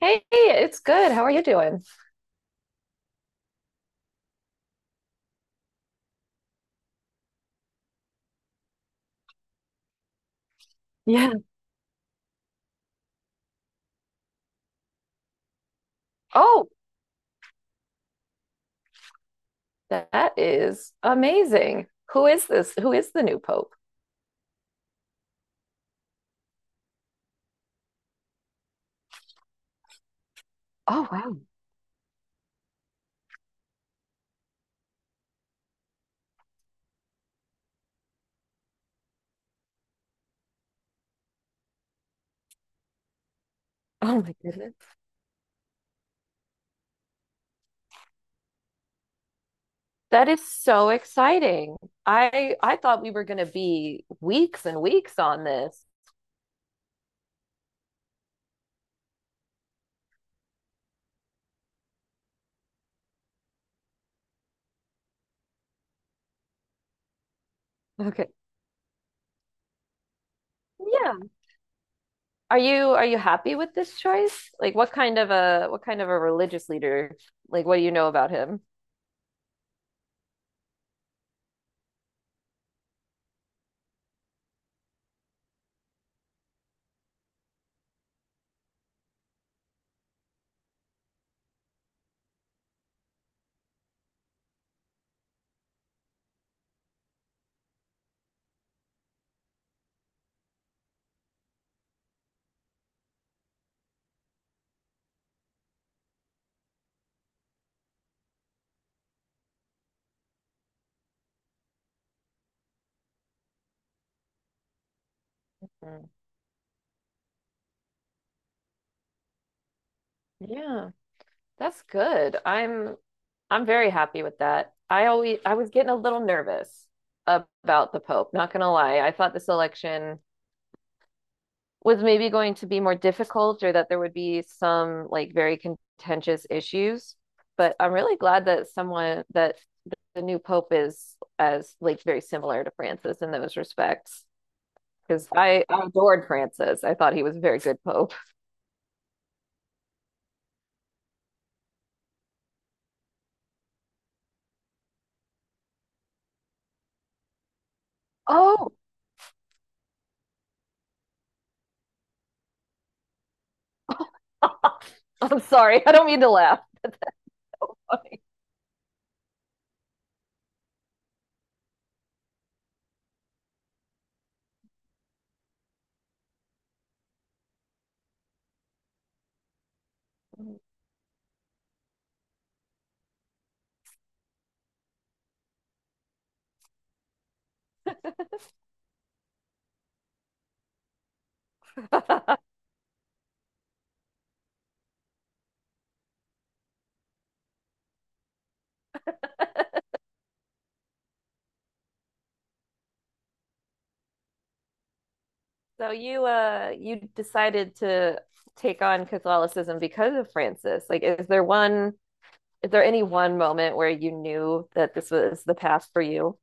Hey, it's good. How are you doing? Yeah. Oh, that is amazing. Who is this? Who is the new pope? Oh, wow. Oh, my goodness. That is so exciting. I thought we were going to be weeks and weeks on this. Okay. Yeah. Are you happy with this choice? Like what kind of a religious leader? Like what do you know about him? Mm. Yeah, that's good. I'm very happy with that. I was getting a little nervous about the Pope, not gonna lie. I thought this election was maybe going to be more difficult or that there would be some like very contentious issues, but I'm really glad that someone that the new pope is as like very similar to Francis in those respects. Because I adored Francis. I thought he was a very good pope. Oh, I'm sorry. I don't mean to laugh. So you decided to take on Catholicism because of Francis. Like, Is there any one moment where you knew that this was the path for you?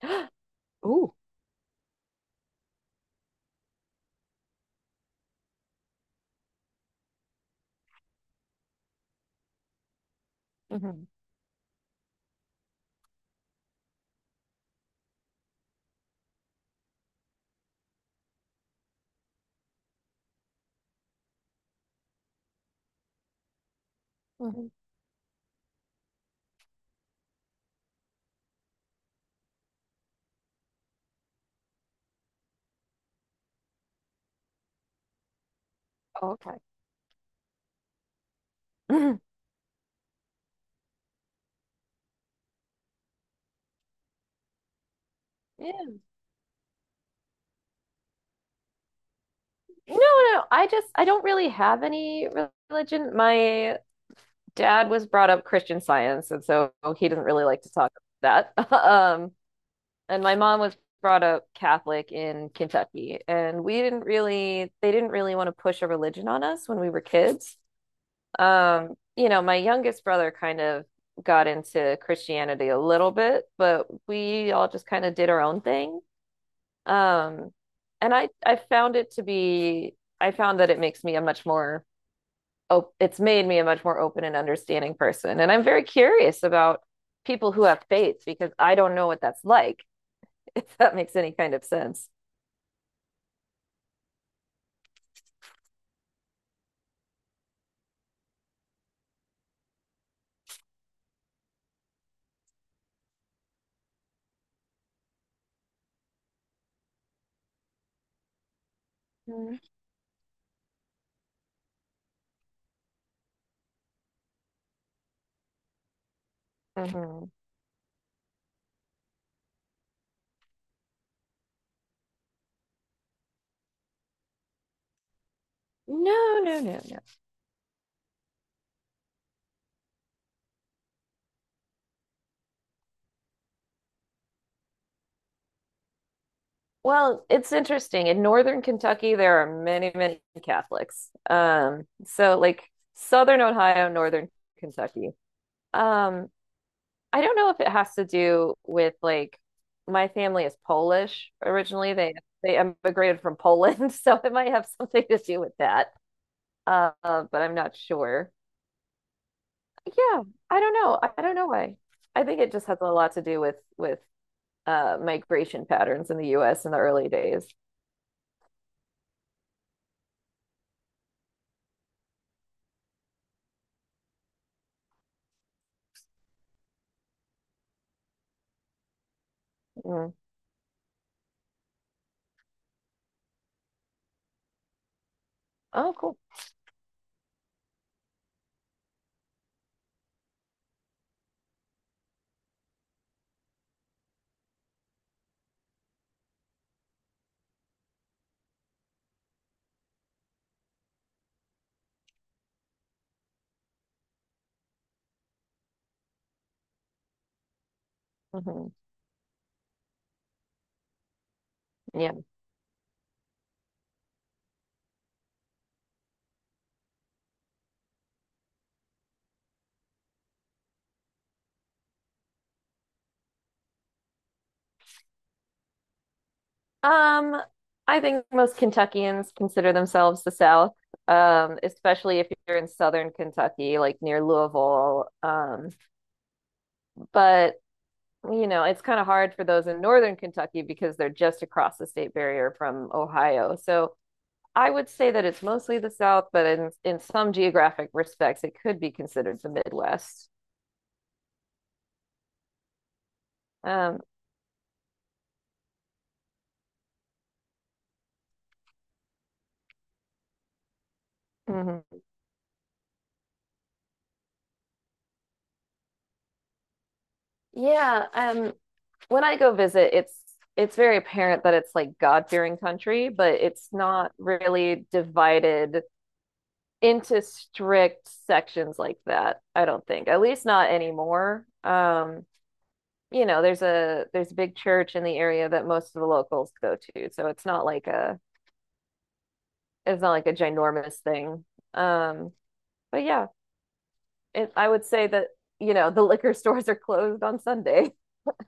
Ooh. Mhm. Mhm. Oh, okay. Mm-hmm. Yeah. No, no. I just I don't really have any religion. My dad was brought up Christian science, and so he doesn't really like to talk about that. And my mom was brought up Catholic in Kentucky, and we didn't really, they didn't really want to push a religion on us when we were kids. You know, my youngest brother kind of got into Christianity a little bit, but we all just kind of did our own thing. Um, I found I found that it makes me a much more op- it's made me a much more open and understanding person. And I'm very curious about people who have faith because I don't know what that's like, if that makes any kind of sense. Mhm. No, no. Well, it's interesting. In northern Kentucky, there are many, many Catholics. So like southern Ohio, northern Kentucky. Um, I don't know if it has to do with like my family is Polish originally. They immigrated from Poland, so it might have something to do with that. But I'm not sure. Yeah, I don't know. I don't know why. I think it just has a lot to do with migration patterns in the U.S. in the early days. Mm. Oh, cool. hmm Yeah. Um, I think most Kentuckians consider themselves the South, especially if you're in Southern Kentucky, like near Louisville. But you know, it's kind of hard for those in northern Kentucky because they're just across the state barrier from Ohio. So I would say that it's mostly the South, but in some geographic respects, it could be considered the Midwest. Um, mhm. Yeah, when I go visit, it's very apparent that it's like God-fearing country, but it's not really divided into strict sections like that, I don't think. At least not anymore. You know, there's a big church in the area that most of the locals go to, so it's not like a ginormous thing. Um, but yeah, I would say that you know the liquor stores are closed on Sunday.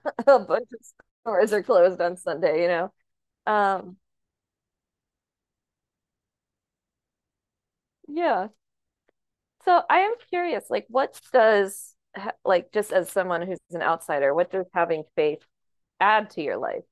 A bunch of stores are closed on Sunday. You know, um, yeah. So I am curious, like, what does like just as someone who's an outsider, what does having faith add to your life?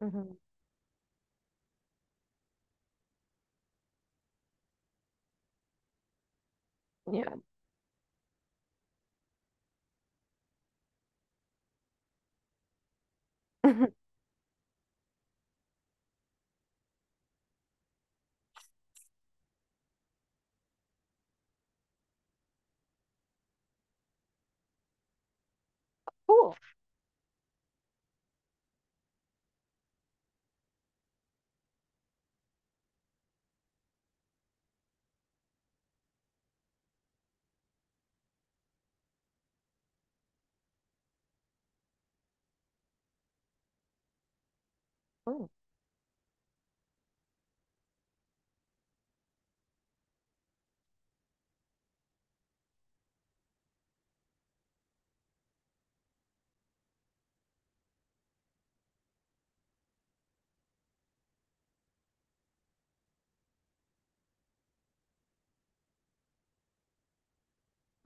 Mhm. Yeah. Cool.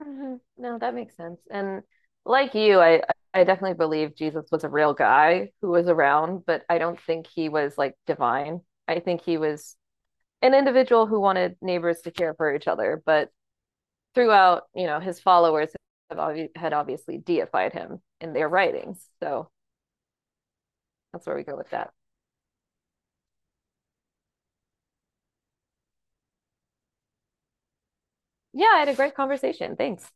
hmm No, that makes sense. And like you, I definitely believe Jesus was a real guy who was around, but I don't think he was like divine. I think he was an individual who wanted neighbors to care for each other, but throughout, you know, his followers have obvi had obviously deified him in their writings. So that's where we go with that. Yeah, I had a great conversation. Thanks.